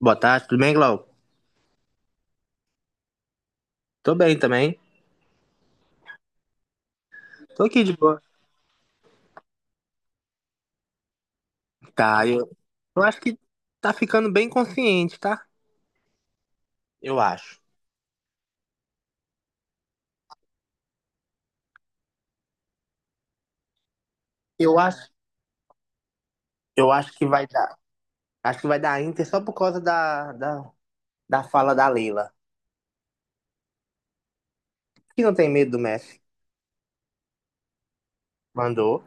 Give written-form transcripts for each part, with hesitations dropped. Boa tarde, tudo bem, Glau? Tô bem também. Tô aqui de boa. Tá, eu acho que tá ficando bem consciente, tá? Eu acho. Eu acho, eu acho que vai dar. Acho que vai dar Inter só por causa da fala da Leila. Que não tem medo do Messi. Mandou.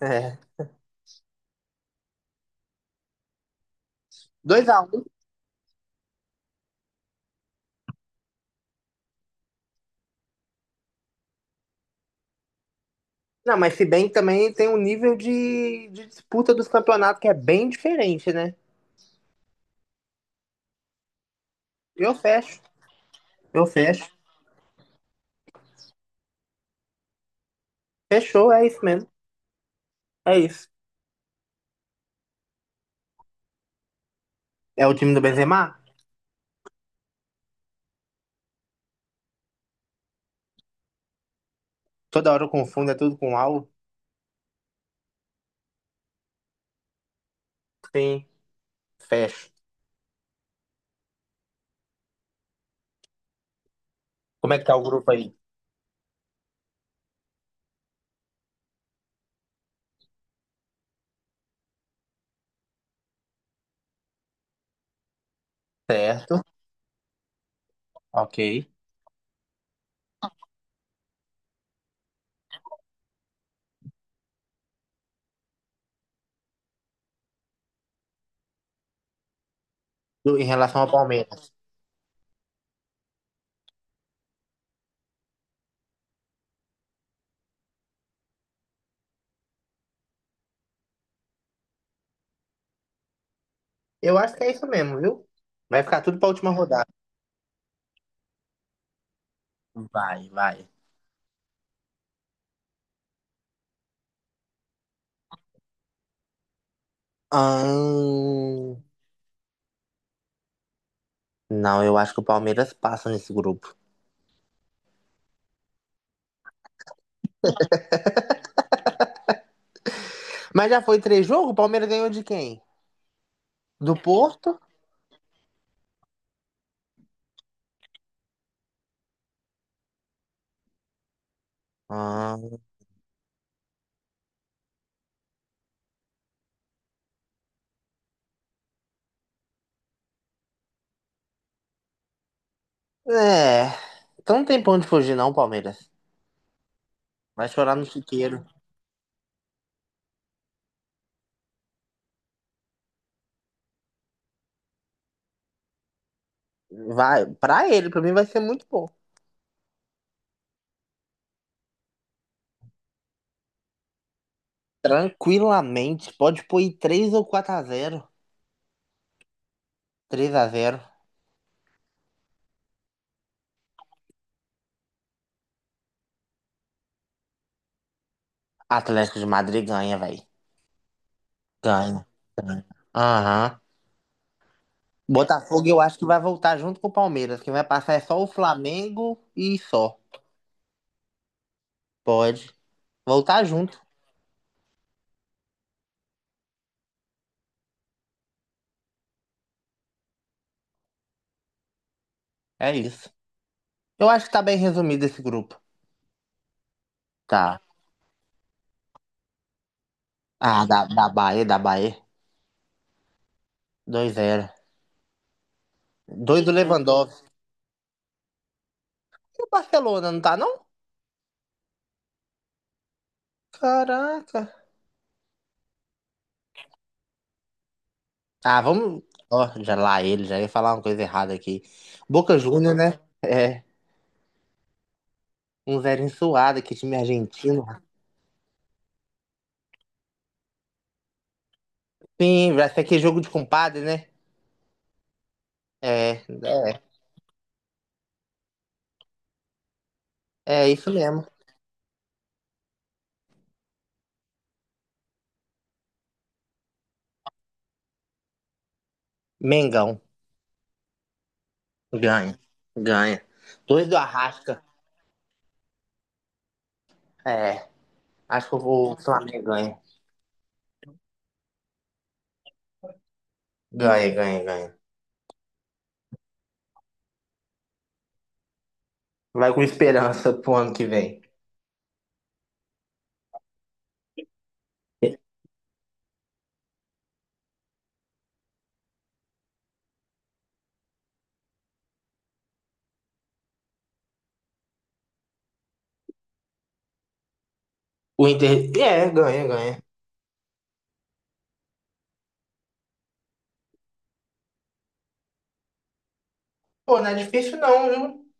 É. 2-1. Não, mas se bem que também tem um nível de disputa dos campeonatos que é bem diferente, né? Eu fecho. Eu fecho. Fechou, é isso mesmo. É isso. É o time do Benzema? Toda hora eu confundo, é tudo com algo. Sim. Fecho. Como é que tá o grupo aí? Certo. Ok. Do- em relação ao Palmeiras. Eu acho que é isso mesmo, viu? Vai ficar tudo pra última rodada. Vai, vai. Ahn, Não, eu acho que o Palmeiras passa nesse grupo. Mas já foi três jogos? O Palmeiras ganhou de quem? Do Porto? Ah, é. Então não tem pra onde fugir, não, Palmeiras. Vai chorar no chiqueiro. Vai, pra ele, pra mim vai ser muito bom. Tranquilamente, pode pôr aí 3 ou 4 a zero, três a zero. Atlético de Madrid ganha, velho. Ganha, ganha. Aham. Botafogo eu acho que vai voltar junto com o Palmeiras. Quem vai passar é só o Flamengo e só. Pode. Voltar junto. É isso. Eu acho que tá bem resumido esse grupo. Tá. Ah, da Bahia, da Bahia. 2 zero. Dois do Lewandowski. E o Barcelona, não tá, não? Caraca. Ah, vamos. Ó, já lá ele, já ia falar uma coisa errada aqui. Boca Júnior, né? É. Um zero suado, que time argentino. Sim, vai ser aquele jogo de compadre, né? É, é, é isso mesmo. Mengão, ganha, ganha. Dois do Arrasca, é, acho que eu vou, o Flamengo ganha. Ganha, ganha, ganha. Vai com esperança pro ano que vem. O Inter, é, ganha, ganha. Pô, não é difícil não, viu?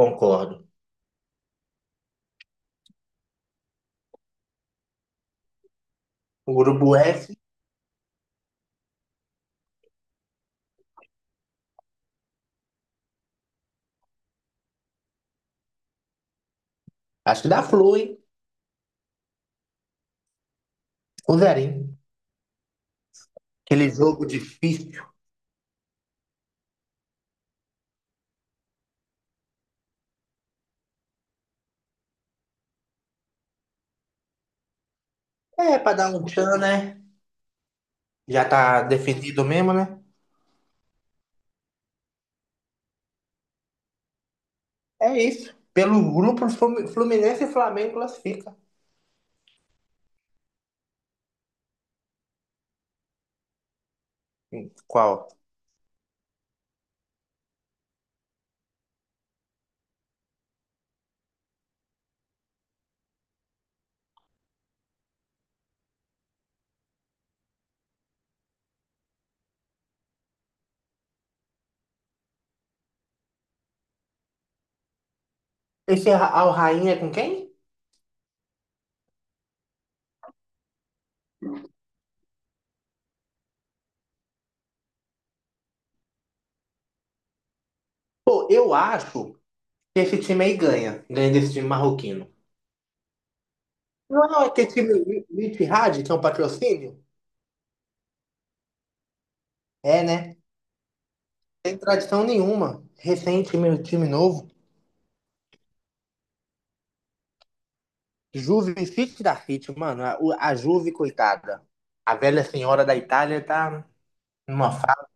Concordo. O Grupo F, acho que dá flu, hein? O Zerinho. Aquele jogo difícil. É, pra dar um tchan, né? Já tá definido mesmo, né? É isso. Pelo grupo, Flu- Fluminense e Flamengo classifica. Qual? Esse Al Rain é com quem? Pô, eu acho que esse time aí ganha. Ganha desse time marroquino. Não é aquele time Ittihad, que é um patrocínio? É, né? Sem tradição nenhuma. Recente, meu time novo. Juve Fit da Fit, mano. A, o- a Juve, coitada. A velha senhora da Itália tá numa fase.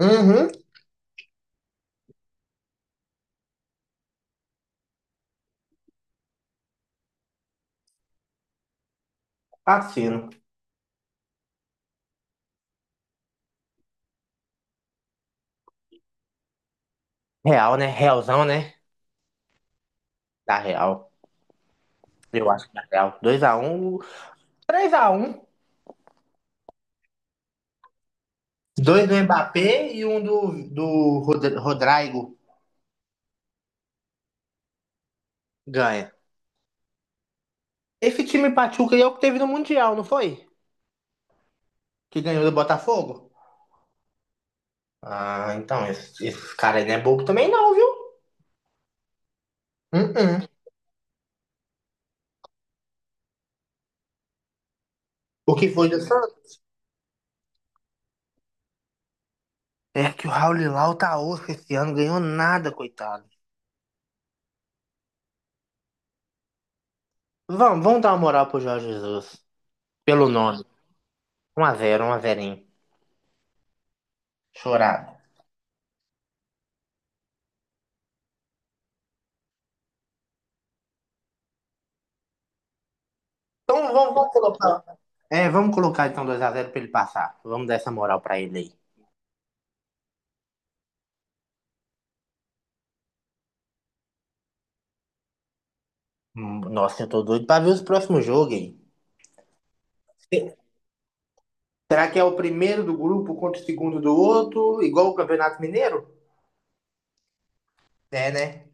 Uhum. Fascino. Real, né? Realzão, né? Da Real. Eu acho que da Real. Dois a um, três a um. Dois do Mbappé e um do, do Rod- Rodrigo. Ganha. Esse time Pachuca aí é o que teve no Mundial, não foi? Que ganhou do Botafogo? Ah, então, esse cara aí não é bobo também não, viu? Uh-uh. O que foi do Santos? É que o Raul Lilau tá osso esse ano, ganhou nada, coitado. Vamos, vamos dar uma moral pro Jorge Jesus. Pelo nome. Um a zero, um a 0. Chorado. Então vamos, vamos colocar. É, vamos colocar então dois a zero pra ele passar. Vamos dar essa moral pra ele aí. Nossa, eu tô doido pra ver os próximos jogos, hein? Se- Será que é o primeiro do grupo contra o segundo do outro, igual o Campeonato Mineiro? É, né?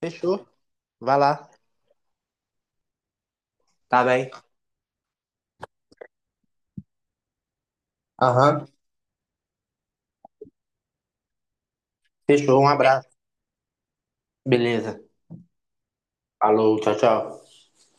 Fechou. Vai lá. Tá bem. Aham. Fechou. Um abraço. Beleza. Falou, tchau, tchau.